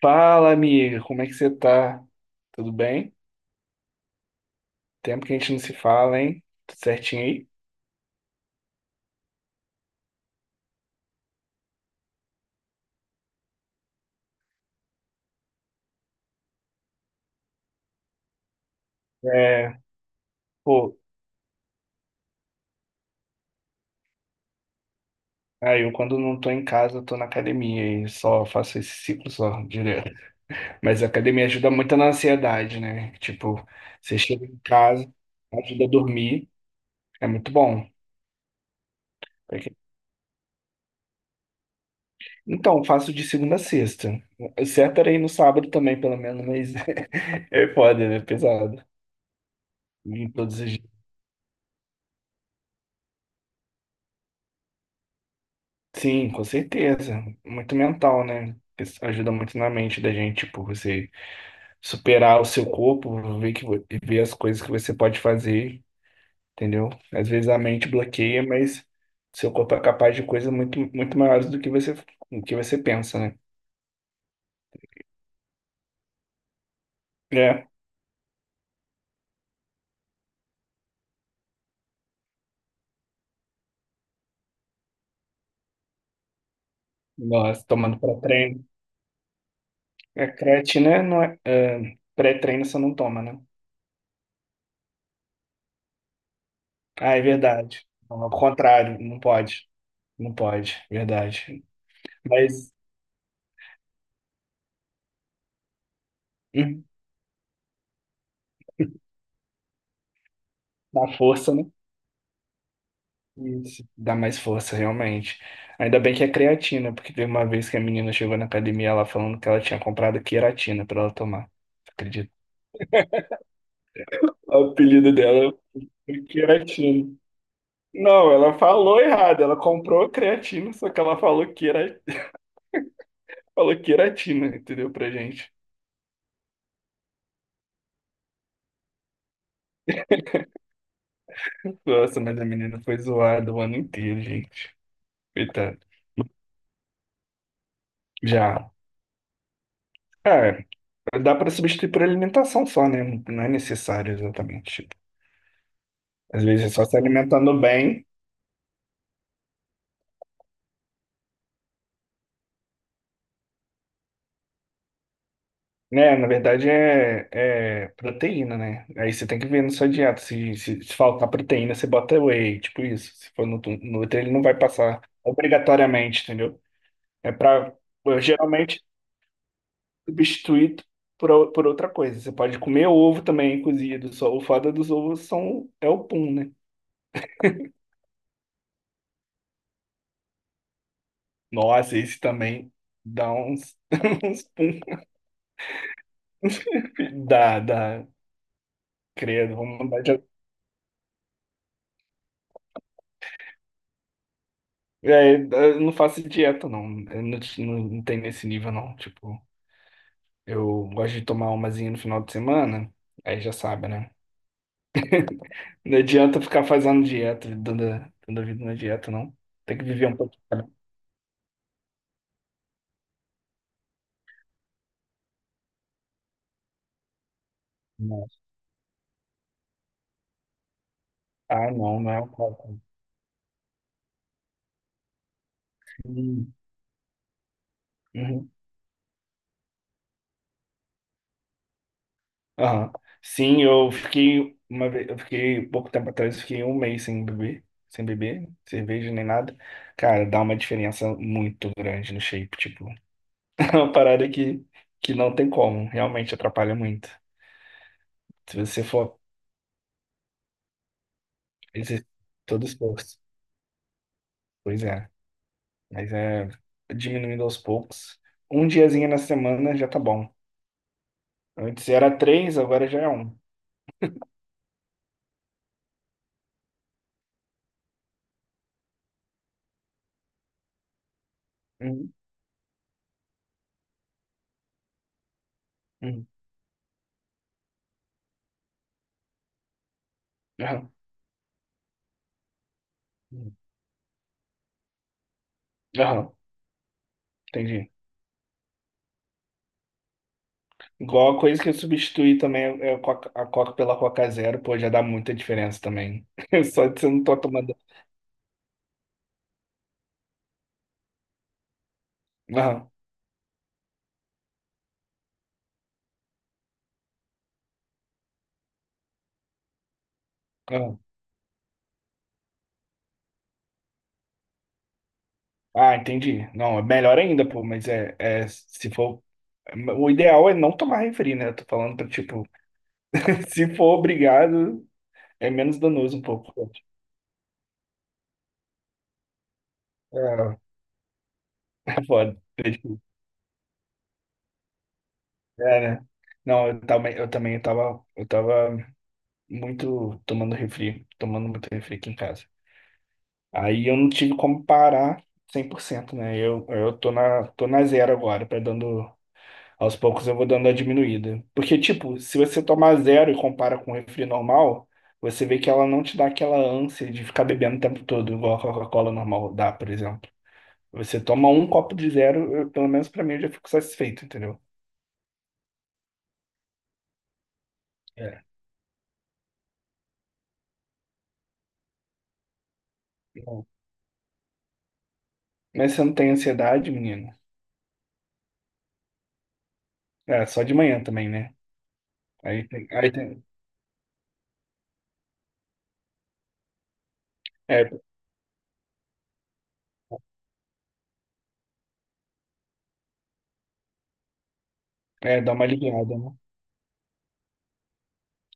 Fala, amiga, como é que você tá? Tudo bem? Tempo que a gente não se fala, hein? Tudo certinho aí? É, pô, aí eu quando não tô em casa, eu tô na academia e só faço esse ciclo só direto. Mas a academia ajuda muito na ansiedade, né? Tipo, você chega em casa, ajuda a dormir, é muito bom. Então, faço de segunda a sexta. O certo era ir no sábado também, pelo menos, mas é foda, né? Pesado. Em todos os dias. Sim, com certeza. Muito mental, né? Isso ajuda muito na mente da gente, tipo, você superar o seu corpo, ver que ver as coisas que você pode fazer, entendeu? Às vezes a mente bloqueia, mas seu corpo é capaz de coisas muito muito maiores do que você pensa, né? É, nossa, tomando pré-treino. É creatina, não é, é, Pré-treino você não toma, né? Ah, é verdade. Não, ao contrário, não pode. Não pode, verdade. Mas hum, na força, né? Isso. Dá mais força, realmente. Ainda bem que é creatina, porque teve uma vez que a menina chegou na academia ela falando que ela tinha comprado queratina pra ela tomar. Você acredita? O apelido dela foi queratina. Não, ela falou errado. Ela comprou creatina, só que ela falou queratina, entendeu? Pra gente. Nossa, mas a menina foi zoada o ano inteiro, gente. Coitada. Já. É, dá pra substituir por alimentação só, né? Não é necessário exatamente. Tipo, às vezes é só se alimentando bem. né, na verdade é, É proteína, né? Aí você tem que ver na sua dieta. Se faltar proteína, você bota whey, tipo isso. Se for no, no outro, ele não vai passar obrigatoriamente, entendeu? É pra eu, geralmente substituir por, por outra coisa. Você pode comer ovo também cozido. Só o foda dos ovos são, é o pum, né? Nossa, esse também dá uns, uns pum. Dá, dá. Credo, vamos mudar de. É, eu não faço dieta, não. Não tem nesse nível, não. Tipo. Eu gosto de tomar umazinha no final de semana, aí já sabe, né? Não adianta ficar fazendo dieta, dando a vida na dieta, não. Tem que viver um pouquinho. Né? Não. Ah, não, não é um copo. Hum, uhum, aham. Sim, eu fiquei pouco tempo atrás, eu fiquei um mês sem beber, sem beber, cerveja nem nada. Cara, dá uma diferença muito grande no shape, tipo, é uma parada que não tem como, realmente atrapalha muito. Se você for exercer todo esforço, pois é. Mas é diminuindo aos poucos. Um diazinho na semana já tá bom. Antes era três, agora já é um. Uhum, uhum, aham, uhum, aham, entendi. Igual a coisa que eu substituí também é a Coca pela Coca Zero, pô, já dá muita diferença também. Só de você não tá tomando. Aham, aham. Ah, entendi. Não, é melhor ainda, pô, mas é se for. O ideal é não tomar refri, né? Eu tô falando pra, tipo, se for obrigado, é menos danoso um pouco. É, é foda. É, né? Não, eu também tava, eu tava muito tomando refri, tomando muito refri aqui em casa. Aí eu não tive como parar 100%, né? Eu tô na zero agora, pra dando, aos poucos eu vou dando a diminuída. Porque, tipo, se você tomar zero e compara com um refri normal, você vê que ela não te dá aquela ânsia de ficar bebendo o tempo todo, igual a Coca-Cola normal dá, por exemplo. Você toma um copo de zero, pelo menos pra mim, eu já fico satisfeito, entendeu? É. Bom, mas você não tem ansiedade, menino? É, só de manhã também, né? Aí tem, é, é, dá uma aliviada, né?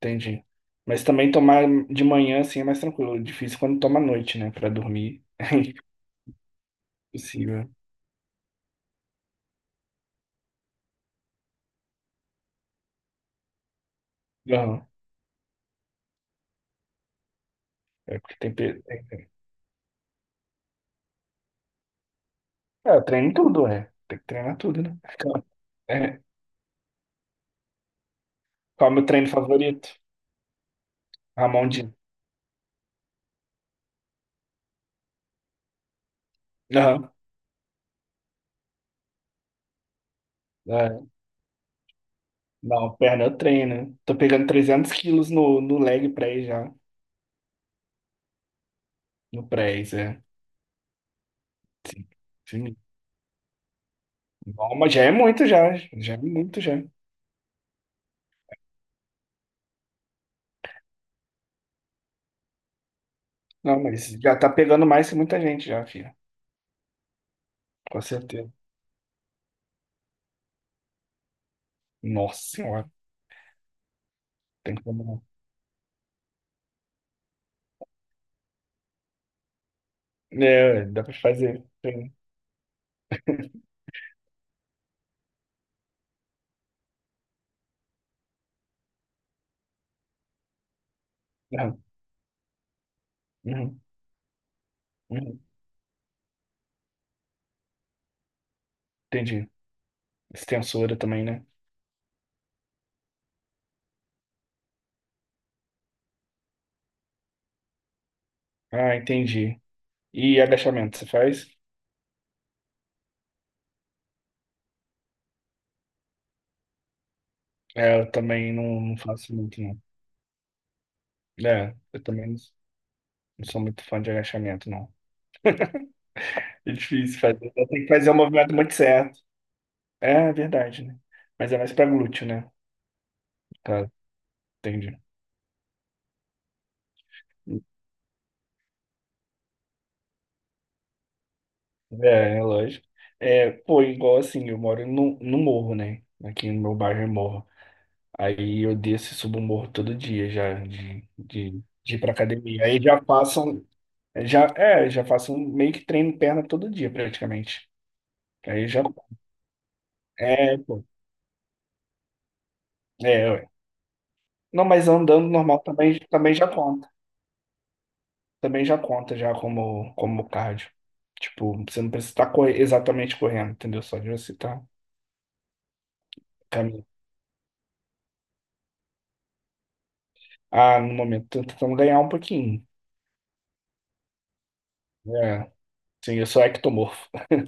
Entendi. Mas também tomar de manhã, assim, é mais tranquilo. Difícil quando toma à noite, né? Pra dormir. É impossível. Não, é porque tem... pe- tem- tem- é, eu treino tudo, é. Tem que treinar tudo, né? É, qual é o meu treino favorito? Ramon Dias. Aham. É, não, perna eu treino. Tô pegando 300 quilos no, no leg press já. No press, é. Sim. Sim. Bom, mas já é muito já. Já é muito já. Não, mas já tá pegando mais que muita gente já, filha. Com certeza. Nossa senhora, tem como não. É, dá pra fazer. Tem. Uhum, uhum, uhum. Entendi. Extensora também, né? Ah, entendi. E agachamento, você faz? É, eu também não, não faço muito, não. É, eu também não não sou muito fã de agachamento, não. É difícil fazer. Então tem que fazer o movimento muito certo. É, é verdade, né? Mas é mais pra glúteo, né? Tá, entendi. É, é lógico. É, pô, igual assim, eu moro no, no morro, né? Aqui no meu bairro é morro. Aí eu desço e subo o morro todo dia já, de ir pra academia. Aí já faço, um, já, é, meio que treino perna todo dia, praticamente. Aí já, é, pô, é, ué. Não, mas andando normal também, também já conta. Também já conta já como, como cardio. Tipo, você não precisa estar exatamente correndo, entendeu? Só de você estar caminhando. Ah, no momento, tô tentando ganhar um pouquinho. É, sim, eu sou ectomorfo.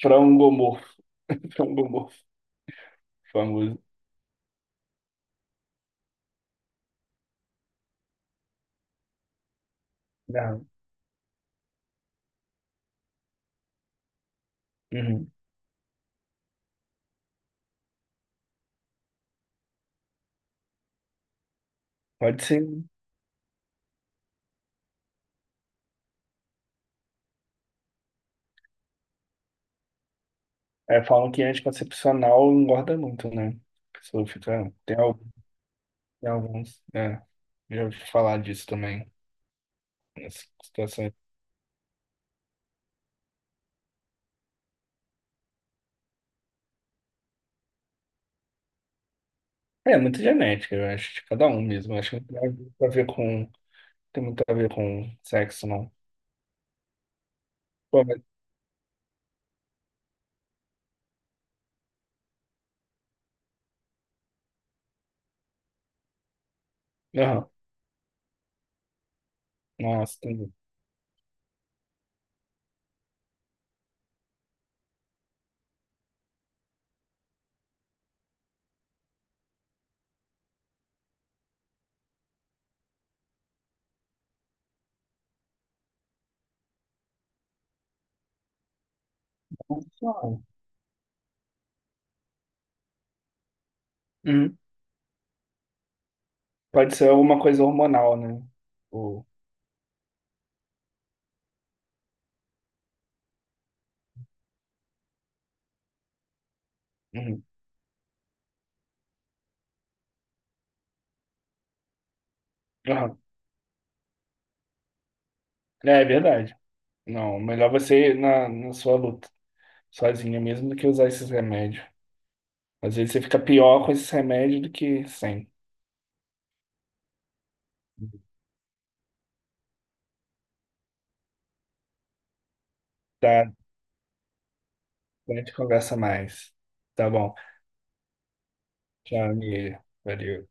Frangomorfo. Frangomorfo, famoso. Não. Uhum. Pode ser. Né? É, falam que é anticoncepcional engorda muito, né? A pessoa fica. Tem alguns. É, já ouvi falar disso também. Nessa situação. É, é muito genética, eu acho, de cada um mesmo. Eu acho que não tem muito a ver com. Tem muito a ver com sexo, não. Pô, mas... Aham. Nossa, tem. Hormonal. Uhum. Pode ser alguma coisa hormonal, né? Ou... Uhum. Aham. É, é verdade. Não, melhor você ir na, na sua luta, sozinha mesmo, do que usar esses remédios. Às vezes você fica pior com esses remédios do que sem. Tá, a gente conversa mais. Tá bom. Tchau, amiga. Valeu.